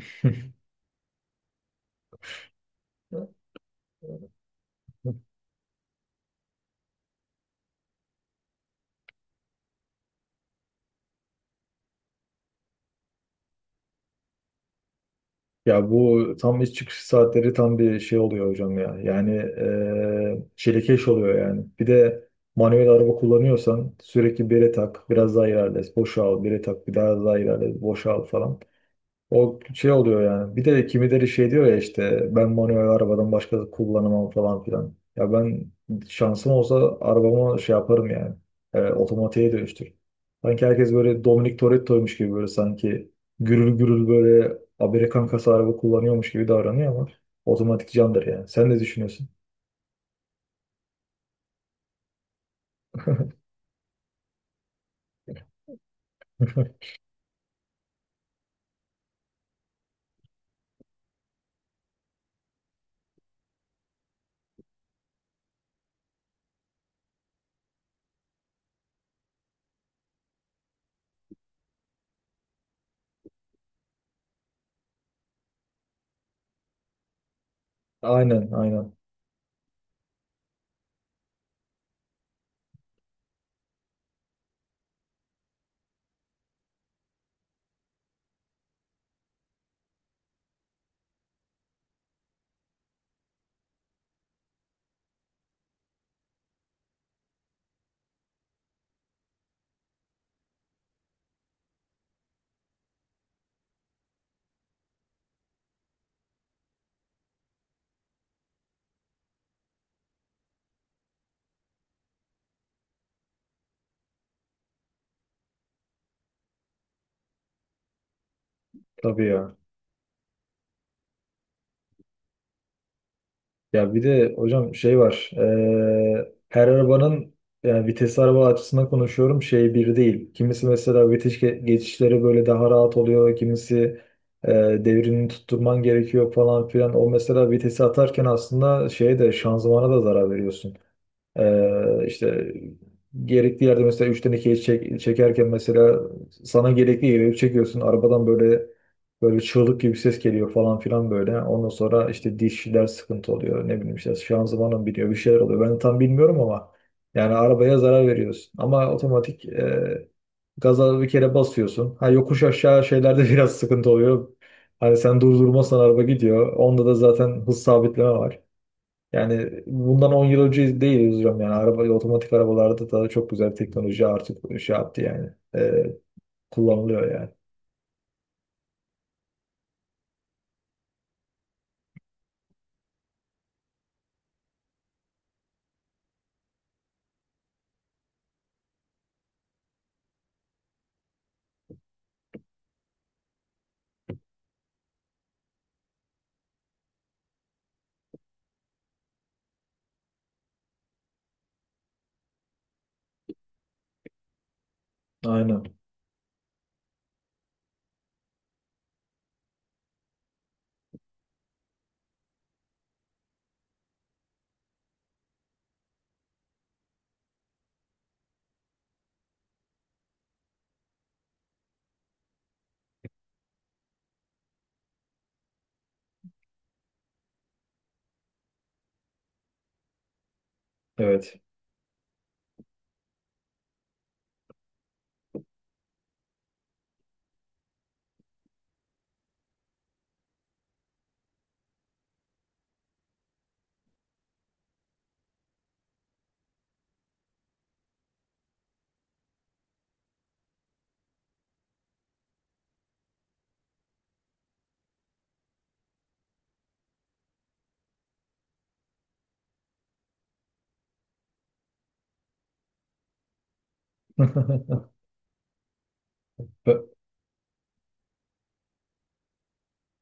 Ya bu tam iş çıkış saatleri tam bir şey oluyor hocam ya. Yani çilekeş oluyor yani. Bir de manuel araba kullanıyorsan sürekli bire tak, biraz daha ilerle, boşa al, bire tak, bir daha ilerle, boşa al falan. O şey oluyor yani. Bir de kimileri şey diyor ya işte ben manuel arabadan başka kullanamam falan filan. Ya ben şansım olsa arabama şey yaparım yani. E, otomatiğe dönüştür. Sanki herkes böyle Dominic Toretto'ymuş gibi böyle sanki gürül gürül böyle Amerikan kasa araba kullanıyormuş gibi davranıyor ama otomatik candır yani. Sen ne düşünüyorsun? Aynen, aynen. Tabii ya. Ya bir de hocam şey var. Her arabanın yani vites araba açısından konuşuyorum şey bir değil. Kimisi mesela vites geçişleri böyle daha rahat oluyor. Kimisi devrini tutturman gerekiyor falan filan. O mesela vitesi atarken aslında şeye de şanzımana da zarar veriyorsun. İşte gerekli yerde mesela üçten ikiye çek, çekerken mesela sana gerekli yere çekiyorsun. Arabadan böyle çığlık gibi ses geliyor falan filan böyle. Ondan sonra işte dişler sıkıntı oluyor. Ne bileyim işte şanzımanın biniyor bir şeyler oluyor. Ben tam bilmiyorum ama yani arabaya zarar veriyorsun. Ama otomatik gaza bir kere basıyorsun. Ha yokuş aşağı şeylerde biraz sıkıntı oluyor. Hani sen durdurmazsan araba gidiyor. Onda da zaten hız sabitleme var. Yani bundan 10 yıl önce değil, üzülüyorum yani. Araba, otomatik arabalarda da çok güzel teknoloji artık şey yaptı yani. Ee, Kullanılıyor yani. Aynen. Evet. Be-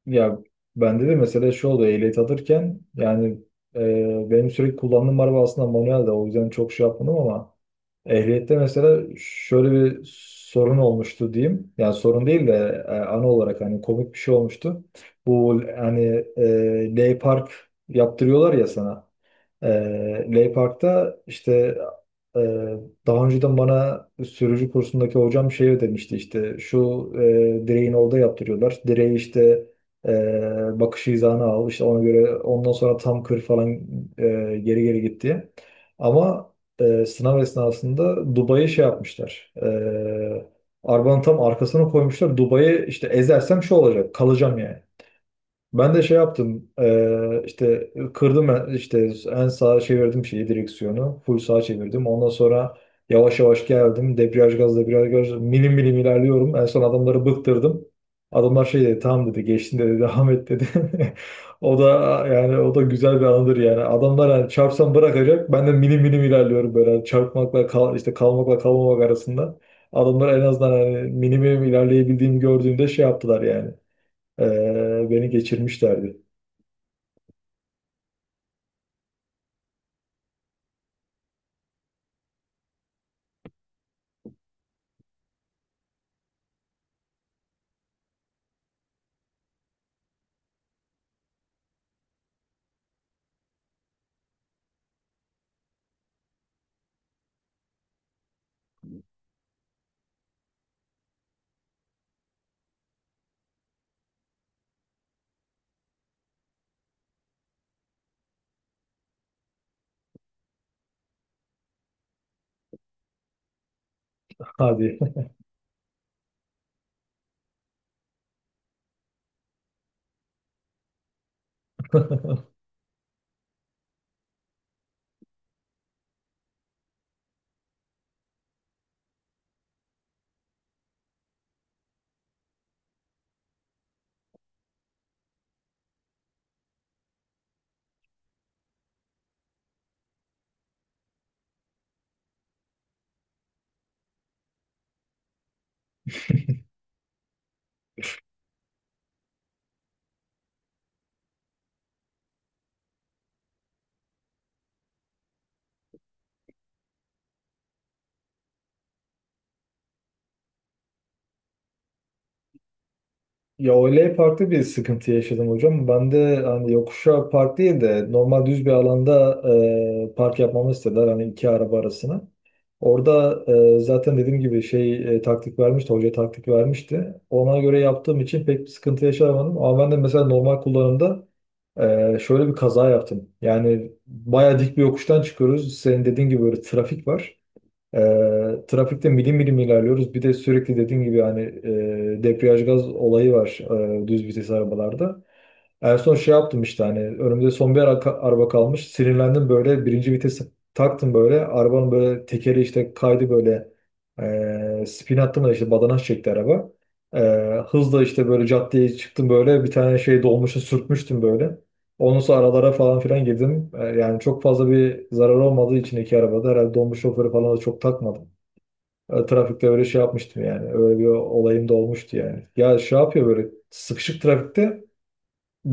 Ya bende de mesela şu oldu, ehliyet alırken yani benim sürekli kullandığım araba aslında manuel, de o yüzden çok şey yapmadım ama ehliyette mesela şöyle bir sorun olmuştu diyeyim. Yani sorun değil de ana olarak hani komik bir şey olmuştu. Bu hani Ley Park yaptırıyorlar ya sana. Ee, Ley Park'ta işte e, daha önceden bana sürücü kursundaki hocam şey demişti, işte şu direğin orada yaptırıyorlar. Direği işte e, bakış hizanı al, işte ona göre, ondan sonra tam kır falan geri geri gitti. Ama sınav esnasında Dubai'ye şey yapmışlar. Arabanın tam arkasına koymuşlar. Dubai'ye işte ezersem şu olacak, kalacağım yani. Ben de şey yaptım, işte kırdım, işte en sağa çevirdim, şeyi direksiyonu full sağa çevirdim, ondan sonra yavaş yavaş geldim, debriyaj gaz debriyaj gaz, milim milim ilerliyorum, en son adamları bıktırdım. Adamlar şey dedi, tamam dedi, geçtin dedi, devam et dedi. O da yani, o da güzel bir anıdır yani. Adamlar yani çarpsam bırakacak, ben de milim milim ilerliyorum böyle. Yani çarpmakla kal, işte kalmakla kalmamak arasında, adamlar en azından hani milim milim ilerleyebildiğimi gördüğünde şey yaptılar yani. Beni geçirmişlerdi. Hadi. Ya öyle farklı bir sıkıntı yaşadım hocam. Ben de hani yokuşa park değil de normal düz bir alanda park yapmamı istediler, hani iki araba arasına. Orada zaten dediğim gibi şey, taktik vermişti, hoca taktik vermişti. Ona göre yaptığım için pek bir sıkıntı yaşamadım. Ama ben de mesela normal kullanımda şöyle bir kaza yaptım. Yani bayağı dik bir yokuştan çıkıyoruz. Senin dediğin gibi böyle trafik var. Trafikte milim milim ilerliyoruz. Bir de sürekli dediğim gibi hani debriyaj gaz olayı var düz vites arabalarda. En son şey yaptım, işte hani önümde son bir araba kalmış. Sinirlendim böyle, birinci vitesi taktım böyle. Arabanın böyle tekeri işte kaydı böyle, spin attım da işte badanaş çekti araba. E, Hızla işte böyle caddeye çıktım, böyle bir tane şey, dolmuşa sürtmüştüm böyle. Onun sonra aralara falan filan girdim. Yani çok fazla bir zarar olmadığı için iki arabada, herhalde dolmuş şoförü falan da çok takmadım. Trafikte öyle şey yapmıştım yani. Öyle bir olayım da olmuştu yani. Ya şey yapıyor, böyle sıkışık trafikte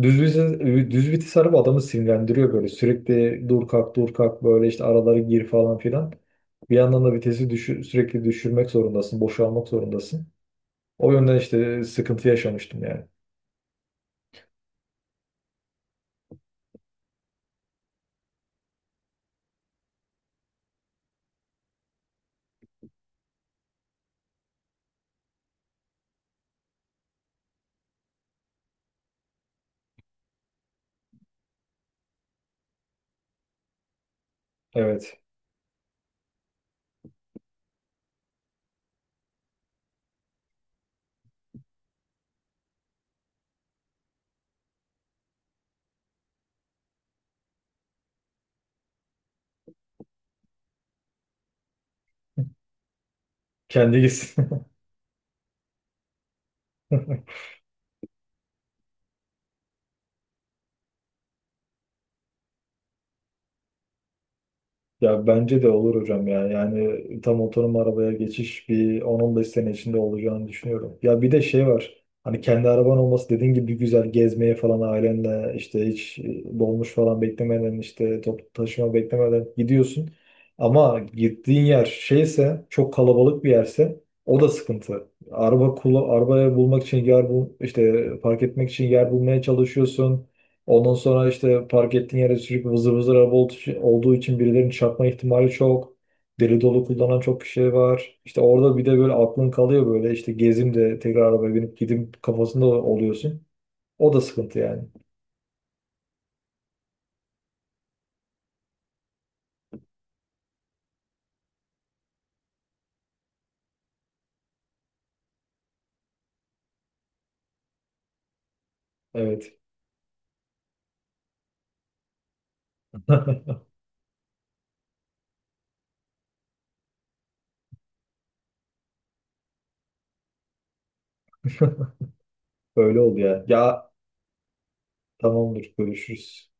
düz vites, düz vites araba adamı sinirlendiriyor böyle. Sürekli dur kalk dur kalk böyle, işte aralara gir falan filan. Bir yandan da vitesi düşür, sürekli düşürmek zorundasın, boşalmak zorundasın. O yönden işte sıkıntı yaşamıştım yani. Evet. Kendi gitsin. Ya bence de olur hocam ya. Yani tam otonom arabaya geçiş bir 10-15 sene içinde olacağını düşünüyorum. Ya bir de şey var. Hani kendi araban olması dediğin gibi güzel, gezmeye falan ailenle işte hiç dolmuş falan beklemeden, işte toplu taşıma beklemeden gidiyorsun. Ama gittiğin yer şeyse, çok kalabalık bir yerse, o da sıkıntı. Arabaya bulmak için yer bul, işte park etmek için yer bulmaya çalışıyorsun. Ondan sonra işte park ettiğin yere sürekli vızır vızır araba olduğu için birilerinin çarpma ihtimali çok. Deli dolu kullanan çok kişi var. İşte orada bir de böyle aklın kalıyor, böyle işte gezim de tekrar arabaya binip gideyim kafasında oluyorsun. O da sıkıntı yani. Evet. Öyle oldu yani. Ya tamamdır, görüşürüz.